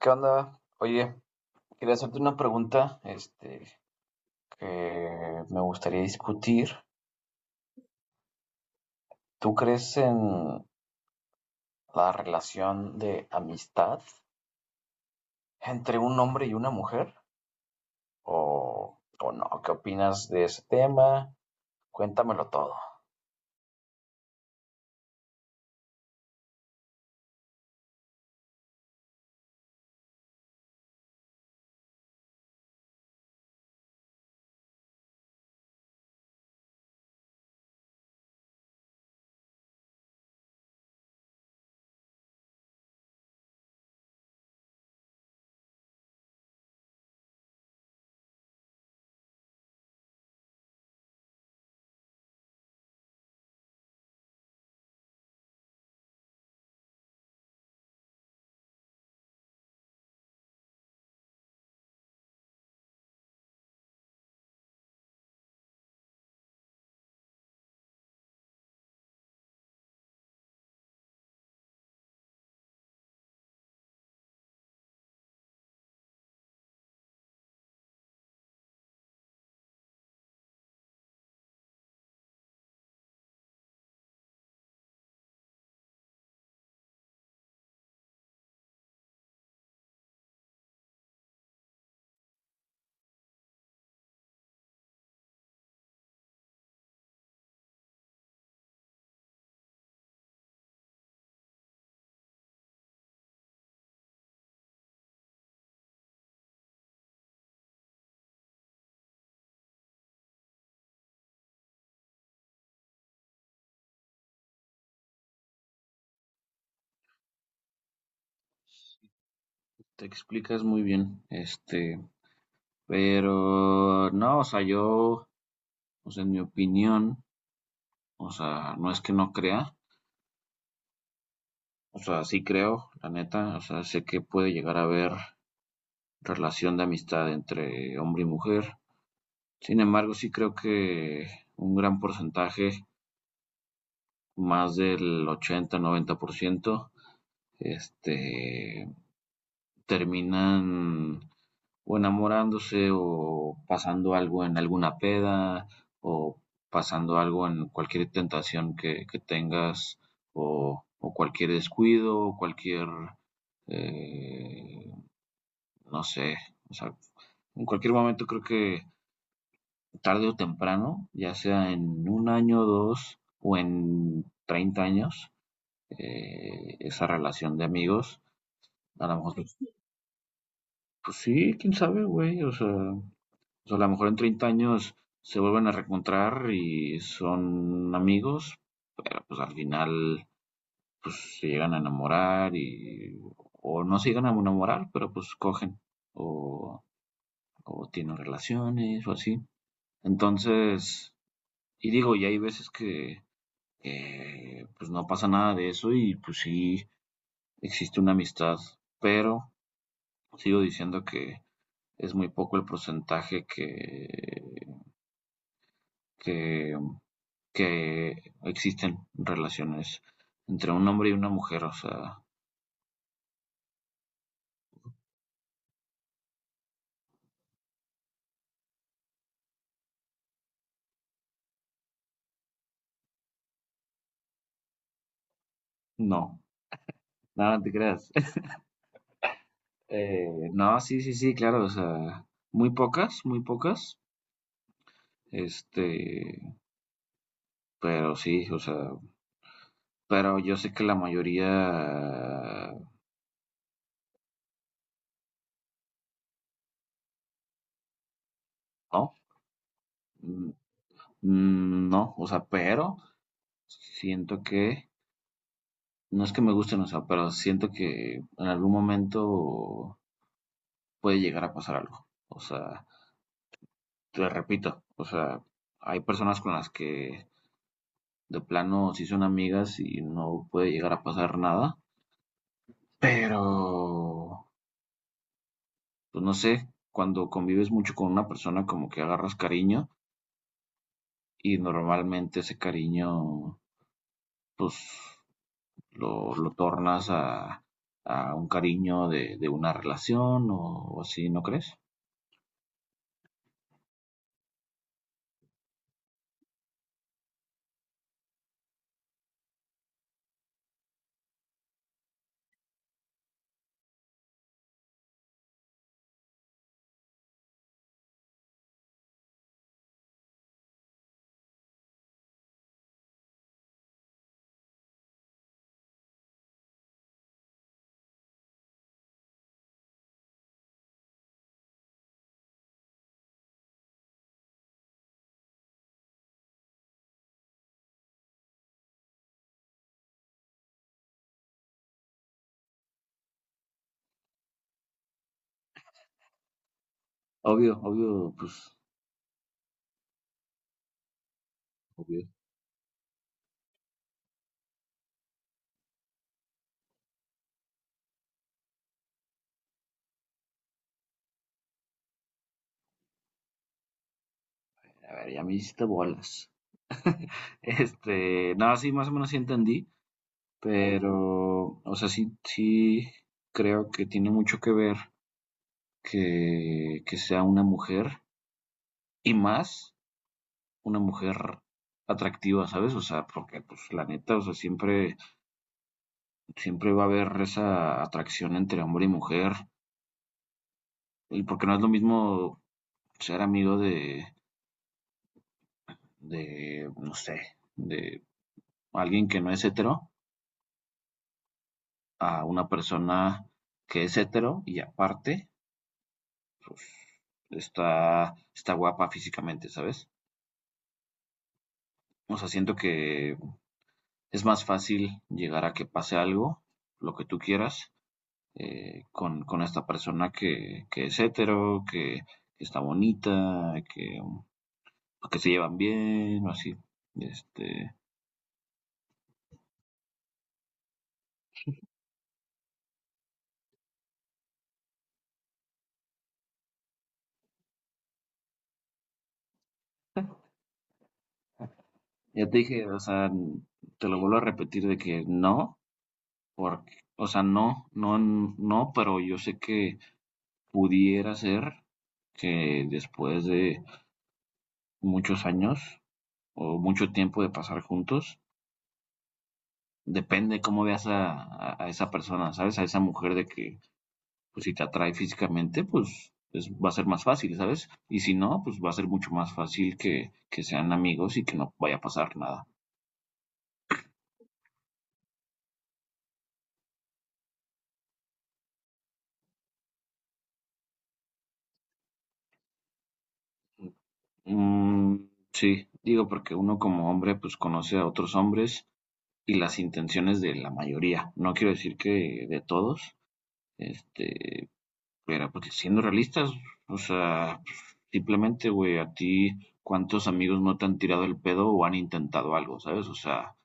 ¿Qué onda? Oye, quería hacerte una pregunta, que me gustaría discutir. ¿Tú crees en la relación de amistad entre un hombre y una mujer? ¿O no? ¿Qué opinas de ese tema? Cuéntamelo todo. Te explicas muy bien, pero no, o sea, yo, o sea, en mi opinión, o sea, no es que no crea, o sea, sí creo, la neta, o sea, sé que puede llegar a haber relación de amistad entre hombre y mujer. Sin embargo, sí creo que un gran porcentaje, más del 80-90%, este, terminan o enamorándose o pasando algo en alguna peda o pasando algo en cualquier tentación que tengas o cualquier descuido o cualquier, eh, no sé, o sea, en cualquier momento creo que tarde o temprano, ya sea en un año, o dos o en 30 años, esa relación de amigos. A lo mejor, pues sí, quién sabe, güey. O sea, a lo mejor en 30 años se vuelven a reencontrar y son amigos, pero pues al final pues se llegan a enamorar y o no se llegan a enamorar, pero pues cogen o, o tienen relaciones o así. Entonces, y digo, y hay veces que pues no pasa nada de eso y pues sí existe una amistad, pero sigo diciendo que es muy poco el porcentaje que, que existen relaciones entre un hombre y una mujer, o sea, no, nada, no te creas. No, sí, sí, sí, claro, o sea, muy pocas, este, pero sí, o sea, pero yo sé que la mayoría no, Mm, no, o sea, pero siento que, no es que me gusten, o sea, pero siento que en algún momento puede llegar a pasar algo. O sea, te repito, o sea, hay personas con las que de plano sí son amigas y no puede llegar a pasar nada, pero, pues no sé, cuando convives mucho con una persona como que agarras cariño y normalmente ese cariño, pues lo tornas a un cariño de una relación o así, ¿no crees? Obvio, obvio, pues, obvio. A ver, ya me hiciste bolas. Nada, sí, más o menos sí entendí, pero, o sea, sí, sí creo que tiene mucho que ver que sea una mujer y más una mujer atractiva, ¿sabes? O sea, porque, pues, la neta, o sea, siempre va a haber esa atracción entre hombre y mujer, y porque no es lo mismo ser amigo no sé, de alguien que no es hetero a una persona que es hetero y aparte pues, está guapa físicamente, ¿sabes? O sea, siento que es más fácil llegar a que pase algo, lo que tú quieras, con esta persona que es hetero, que está bonita, que los que se llevan bien o así. Este, ya te dije, o sea, te lo vuelvo a repetir de que no, porque, o sea, no, no, no, pero yo sé que pudiera ser que después de muchos años o mucho tiempo de pasar juntos, depende cómo veas a esa persona, ¿sabes? A esa mujer de que, pues si te atrae físicamente, pues es, va a ser más fácil, ¿sabes? Y si no, pues va a ser mucho más fácil que sean amigos y que no vaya a pasar nada. Mm, sí, digo porque uno como hombre pues conoce a otros hombres y las intenciones de la mayoría. No quiero decir que de todos, este, pero porque siendo realistas, o sea, pues, simplemente, güey, a ti cuántos amigos no te han tirado el pedo o han intentado algo, ¿sabes? O sea,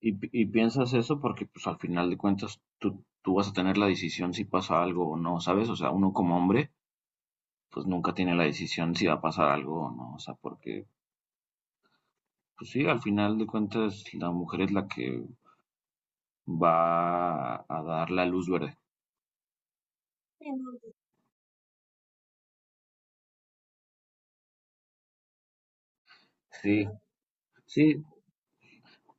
y, y piensas eso porque pues al final de cuentas tú vas a tener la decisión si pasa algo o no, ¿sabes? O sea, uno como hombre pues nunca tiene la decisión si va a pasar algo o no, o sea, porque pues sí, al final de cuentas la mujer es la que va a dar la luz verde. Sí, sí,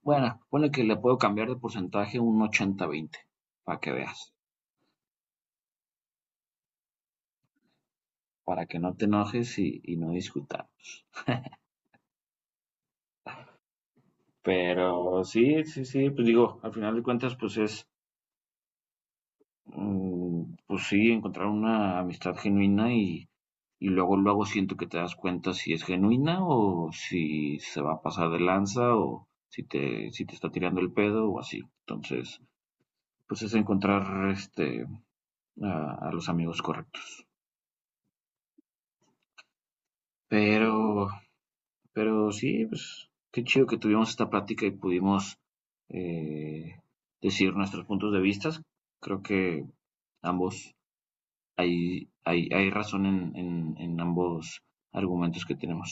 bueno, ponle que le puedo cambiar de porcentaje un 80-20, para que veas, para que no te enojes y no discutamos. Pero sí, sí, sí, pues digo, al final de cuentas, pues es, Mm, pues sí, encontrar una amistad genuina y, luego, luego siento que te das cuenta si es genuina o si se va a pasar de lanza o si te, si te está tirando el pedo o así. Entonces, pues es encontrar a los amigos correctos. Pero, pero sí, pues qué chido que tuvimos esta plática y pudimos eh, decir nuestros puntos de vista. Creo que ambos hay razón en ambos argumentos que tenemos.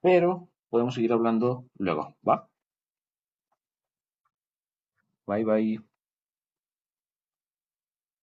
Pero podemos seguir hablando luego, ¿va? Bye bye.